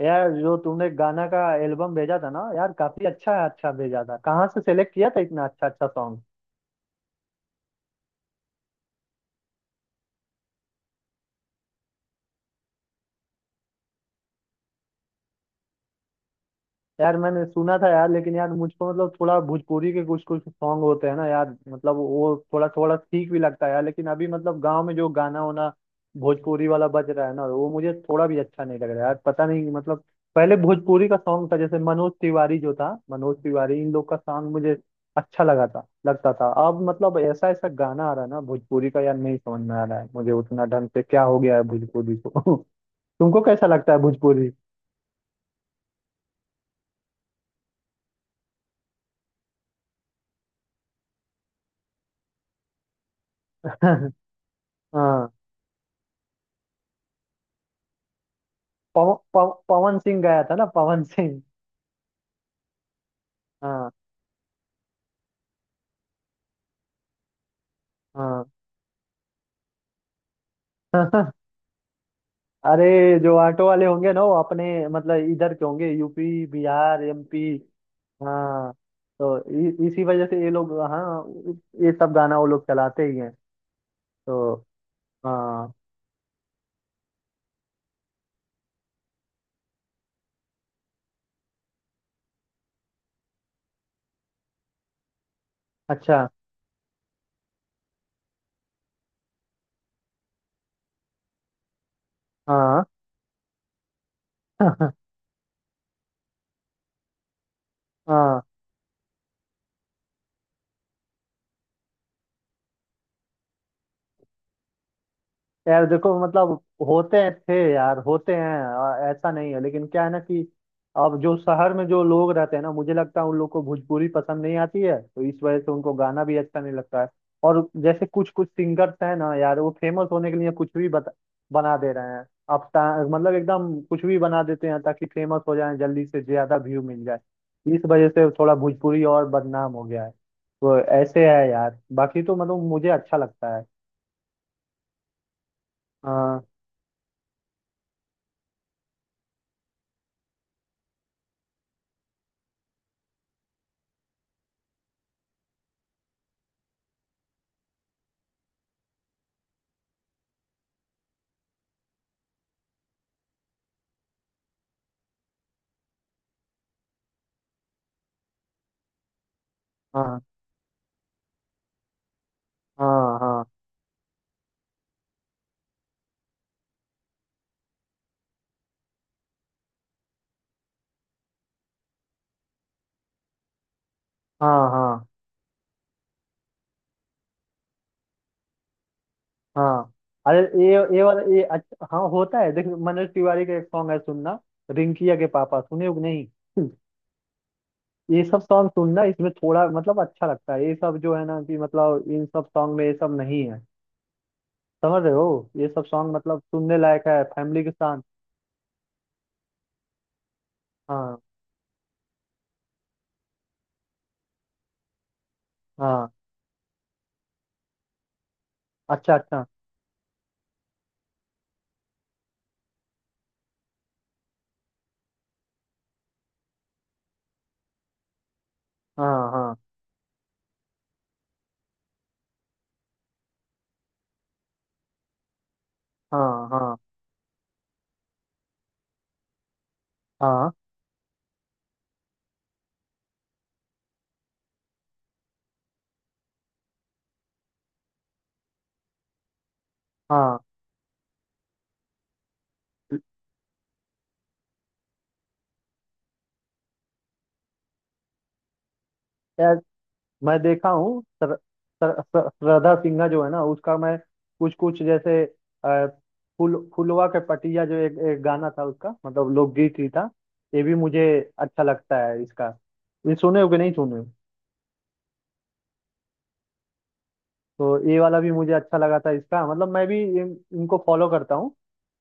यार जो तुमने गाना का एल्बम भेजा था ना, यार काफी अच्छा अच्छा भेजा था। कहाँ से सेलेक्ट किया था इतना अच्छा अच्छा सॉन्ग? यार मैंने सुना था यार, लेकिन यार मुझको मतलब थोड़ा भोजपुरी के कुछ कुछ सॉन्ग होते हैं ना यार, मतलब वो थोड़ा थोड़ा ठीक भी लगता है यार, लेकिन अभी मतलब गांव में जो गाना होना भोजपुरी वाला बज रहा है ना, वो मुझे थोड़ा भी अच्छा नहीं लग रहा है यार। पता नहीं मतलब पहले भोजपुरी का सॉन्ग था जैसे मनोज तिवारी जो था, मनोज तिवारी इन लोग का सॉन्ग मुझे अच्छा लगा था, लगता था। अब मतलब ऐसा ऐसा गाना आ रहा है ना भोजपुरी का यार, नहीं समझ में आ रहा है मुझे उतना ढंग से। क्या हो गया है भोजपुरी को? तुमको कैसा लगता है भोजपुरी? हाँ। पव, पव, पवन सिंह गया था ना, पवन सिंह। हाँ हाँ। अरे, जो ऑटो वाले होंगे ना, वो अपने मतलब इधर के होंगे, यूपी बिहार एमपी। हाँ। तो इसी वजह से ये लोग, हाँ, ये सब गाना वो लोग चलाते ही हैं। तो हाँ। अच्छा। हाँ। हाँ। यार देखो मतलब होते हैं थे यार, होते हैं ऐसा नहीं है, लेकिन क्या है ना कि अब जो शहर में जो लोग रहते हैं ना, मुझे लगता है उन लोग को भोजपुरी पसंद नहीं आती है, तो इस वजह से उनको गाना भी अच्छा नहीं लगता है। और जैसे कुछ कुछ सिंगर्स हैं ना यार, वो फेमस होने के लिए कुछ भी बता बना दे रहे हैं। मतलब एकदम कुछ भी बना देते हैं ताकि फेमस हो जाए, जल्दी से ज्यादा व्यू मिल जाए। इस वजह से थोड़ा भोजपुरी और बदनाम हो गया है। तो ऐसे है यार, बाकी तो मतलब मुझे अच्छा लगता है। हाँ हाँ हाँ हाँ हाँ हाँ हाँ। अरे, ये ये वाला ये अच्छा हाँ होता है। देख, मनोज तिवारी का एक सॉन्ग है, सुनना, रिंकिया के पापा सुने हो कि नहीं? ये सब सॉन्ग सुनना, इसमें थोड़ा मतलब अच्छा लगता है। ये सब जो है ना कि मतलब इन सब सॉन्ग में ये सब नहीं है, समझ रहे हो? ये सब सॉन्ग मतलब सुनने लायक है फैमिली के साथ। हाँ हाँ। अच्छा अच्छा। हाँ हाँ हाँ हाँ हाँ हाँ। मैं देखा हूँ सर- सर- सर- श्रद्धा सिन्हा जो है ना, उसका मैं कुछ कुछ जैसे अ, फुल फुलवा के पटिया जो एक गाना था, उसका मतलब लोकगीत ही था। ये भी मुझे अच्छा लगता है इसका। ये सुने हो कि नहीं सुने हो? तो ये वाला भी मुझे अच्छा लगा था इसका, मतलब मैं भी इनको फॉलो करता हूँ।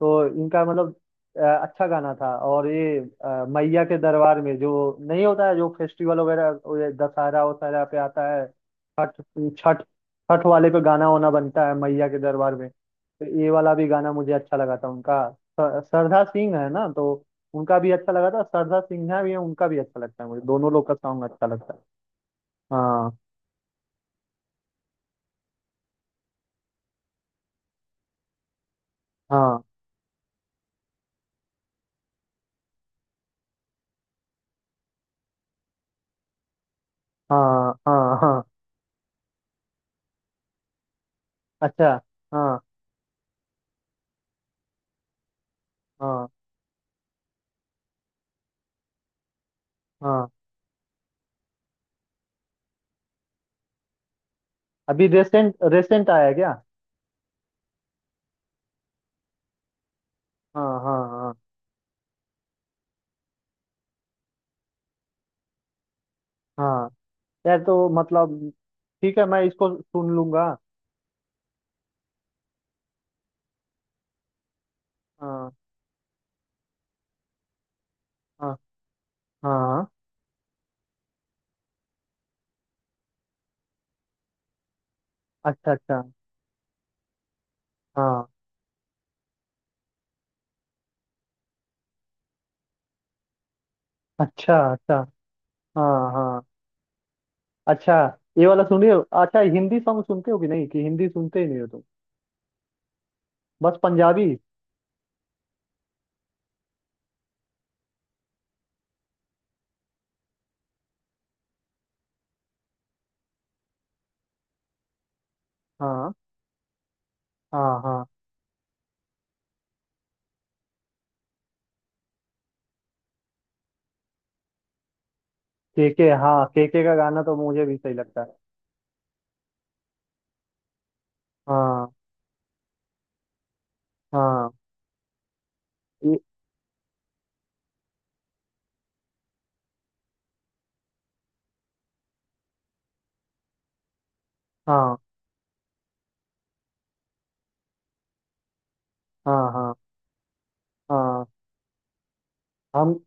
तो इनका मतलब अ, अच्छा गाना था। और ये मैया के दरबार में जो नहीं होता है जो फेस्टिवल वगैरह, वो ये दशहरा वशहरा पे आता है, छठ, छठ, छठ वाले पे गाना वाना बनता है मैया के दरबार में। तो ये वाला भी गाना मुझे अच्छा लगा था उनका। स- श्रद्धा सिंह है ना, तो उनका भी अच्छा लगा था। श्रद्धा सिन्हा भी है, उनका भी अच्छा लगता है मुझे। दोनों लोग का सॉन्ग अच्छा लगता है। हाँ हाँ हाँ हाँ हाँ। अच्छा। हाँ हाँ हाँ। अभी रेसेंट रेसेंट आया है क्या? हाँ हाँ हाँ हाँ। यार तो मतलब ठीक है, मैं इसको सुन लूंगा। हाँ हाँ हाँ। अच्छा अच्छा। हाँ। अच्छा अच्छा। हाँ हाँ। अच्छा, ये वाला सुनिए। अच्छा हिंदी सॉन्ग सुनते हो कि नहीं, कि हिंदी सुनते ही नहीं हो तुम? बस पंजाबी? हाँ हाँ हाँ। के, हाँ, के का गाना तो मुझे भी सही लगता है। हाँ हाँ। ये- हाँ हाँ हाँ हाँ। हम,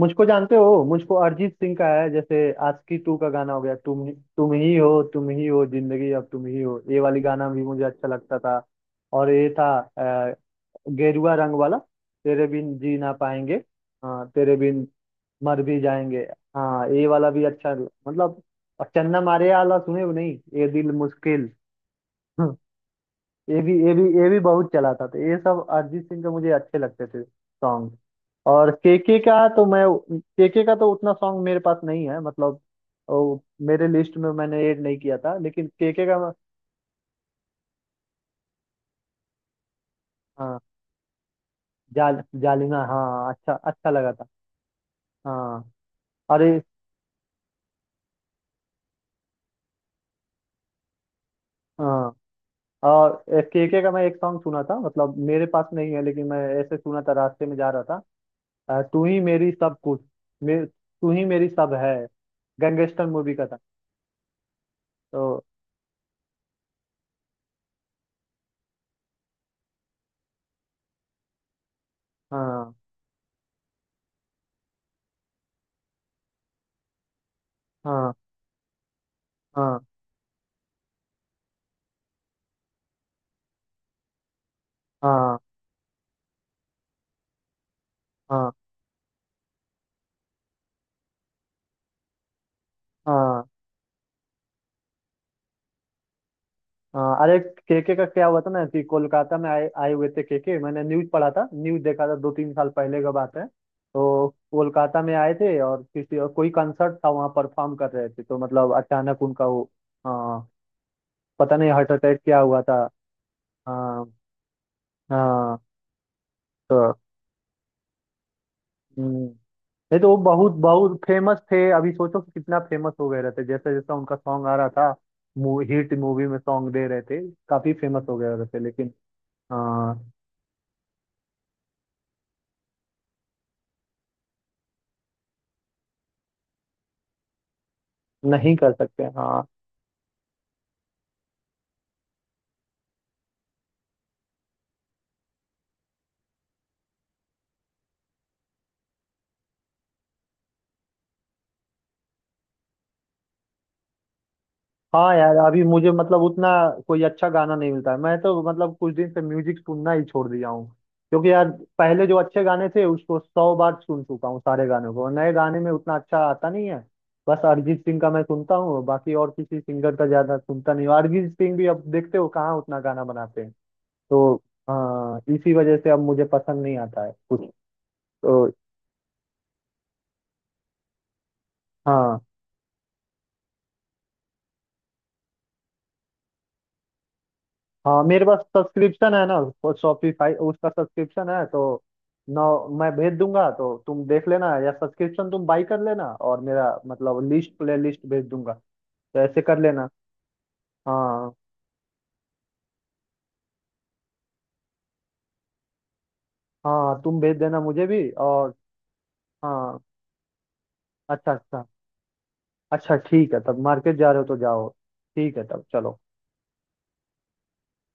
मुझको जानते हो, मुझको अरिजीत सिंह का है जैसे आशिकी टू का गाना हो गया, तुम ही हो, तुम ही हो जिंदगी अब तुम ही हो, ये वाली गाना भी मुझे अच्छा लगता था। और ये था अ, गेरुआ रंग वाला, तेरे बिन जी ना पाएंगे। हाँ, तेरे बिन मर भी जाएंगे। हाँ, ये वाला भी अच्छा मतलब। और चन्ना मारे वाला सुने हो नहीं, ये दिल मुश्किल? ये भी ये भी ये भी बहुत चला था। तो ये सब अरिजीत सिंह के मुझे अच्छे लगते थे सॉन्ग। और केके का तो मैं, केके का तो उतना सॉन्ग मेरे पास नहीं है, मतलब वो मेरे लिस्ट में मैंने ऐड नहीं किया था, लेकिन केके का। हाँ, जाल जालिमा, हाँ अच्छा अच्छा लगा था। हाँ। अरे हाँ। और केके का मैं एक सॉन्ग सुना था, मतलब मेरे पास नहीं है, लेकिन मैं ऐसे सुना था रास्ते में जा रहा था, तू ही मेरी सब कुछ, तू ही मेरी सब है। गैंगस्टर मूवी का था। तो हाँ हाँ हाँ हाँ हाँ हाँ हाँ। अरे केके का क्या हुआ था ना कि कोलकाता में आए आए हुए थे केके, मैंने न्यूज पढ़ा था, न्यूज देखा था, दो तीन साल पहले का बात है। तो कोलकाता में आए थे और किसी और कोई कंसर्ट था, वहाँ परफॉर्म कर रहे थे, तो मतलब अचानक उनका वो, हाँ, पता नहीं हार्ट अटैक क्या हुआ था। हाँ हाँ। तो हम्म। नहीं तो वो बहुत बहुत फेमस थे, अभी सोचो कि कितना फेमस हो गए रहते। जैसे जैसा उनका सॉन्ग आ रहा था, हिट मूवी में सॉन्ग दे रहे थे, काफी फेमस हो गए रहते, लेकिन हाँ, नहीं कर सकते। हाँ, हाँ यार, अभी मुझे मतलब उतना कोई अच्छा गाना नहीं मिलता है। मैं तो मतलब कुछ दिन से म्यूजिक सुनना ही छोड़ दिया हूँ, क्योंकि यार पहले जो अच्छे गाने थे उसको 100 बार सुन चुका हूँ सारे गानों को, नए गाने में उतना अच्छा आता नहीं है। बस अरिजीत सिंह का मैं सुनता हूँ, बाकी और किसी सिंगर का ज्यादा सुनता नहीं हूँ। अरिजीत सिंह भी अब देखते हो कहाँ उतना गाना बनाते हैं। तो हाँ, इसी वजह से अब मुझे पसंद नहीं आता है कुछ। तो हाँ हाँ, मेरे पास सब्सक्रिप्शन है ना, वो शॉपिफाई, उसका सब्सक्रिप्शन है तो ना, मैं भेज दूंगा तो तुम देख लेना, या सब्सक्रिप्शन तुम बाई कर लेना और मेरा मतलब लिस्ट प्ले लिस्ट भेज दूंगा, तो ऐसे कर लेना। हाँ हाँ, तुम भेज देना मुझे भी। और हाँ, अच्छा अच्छा। अच्छा ठीक है, तब मार्केट जा रहे हो तो जाओ। ठीक है तब, चलो।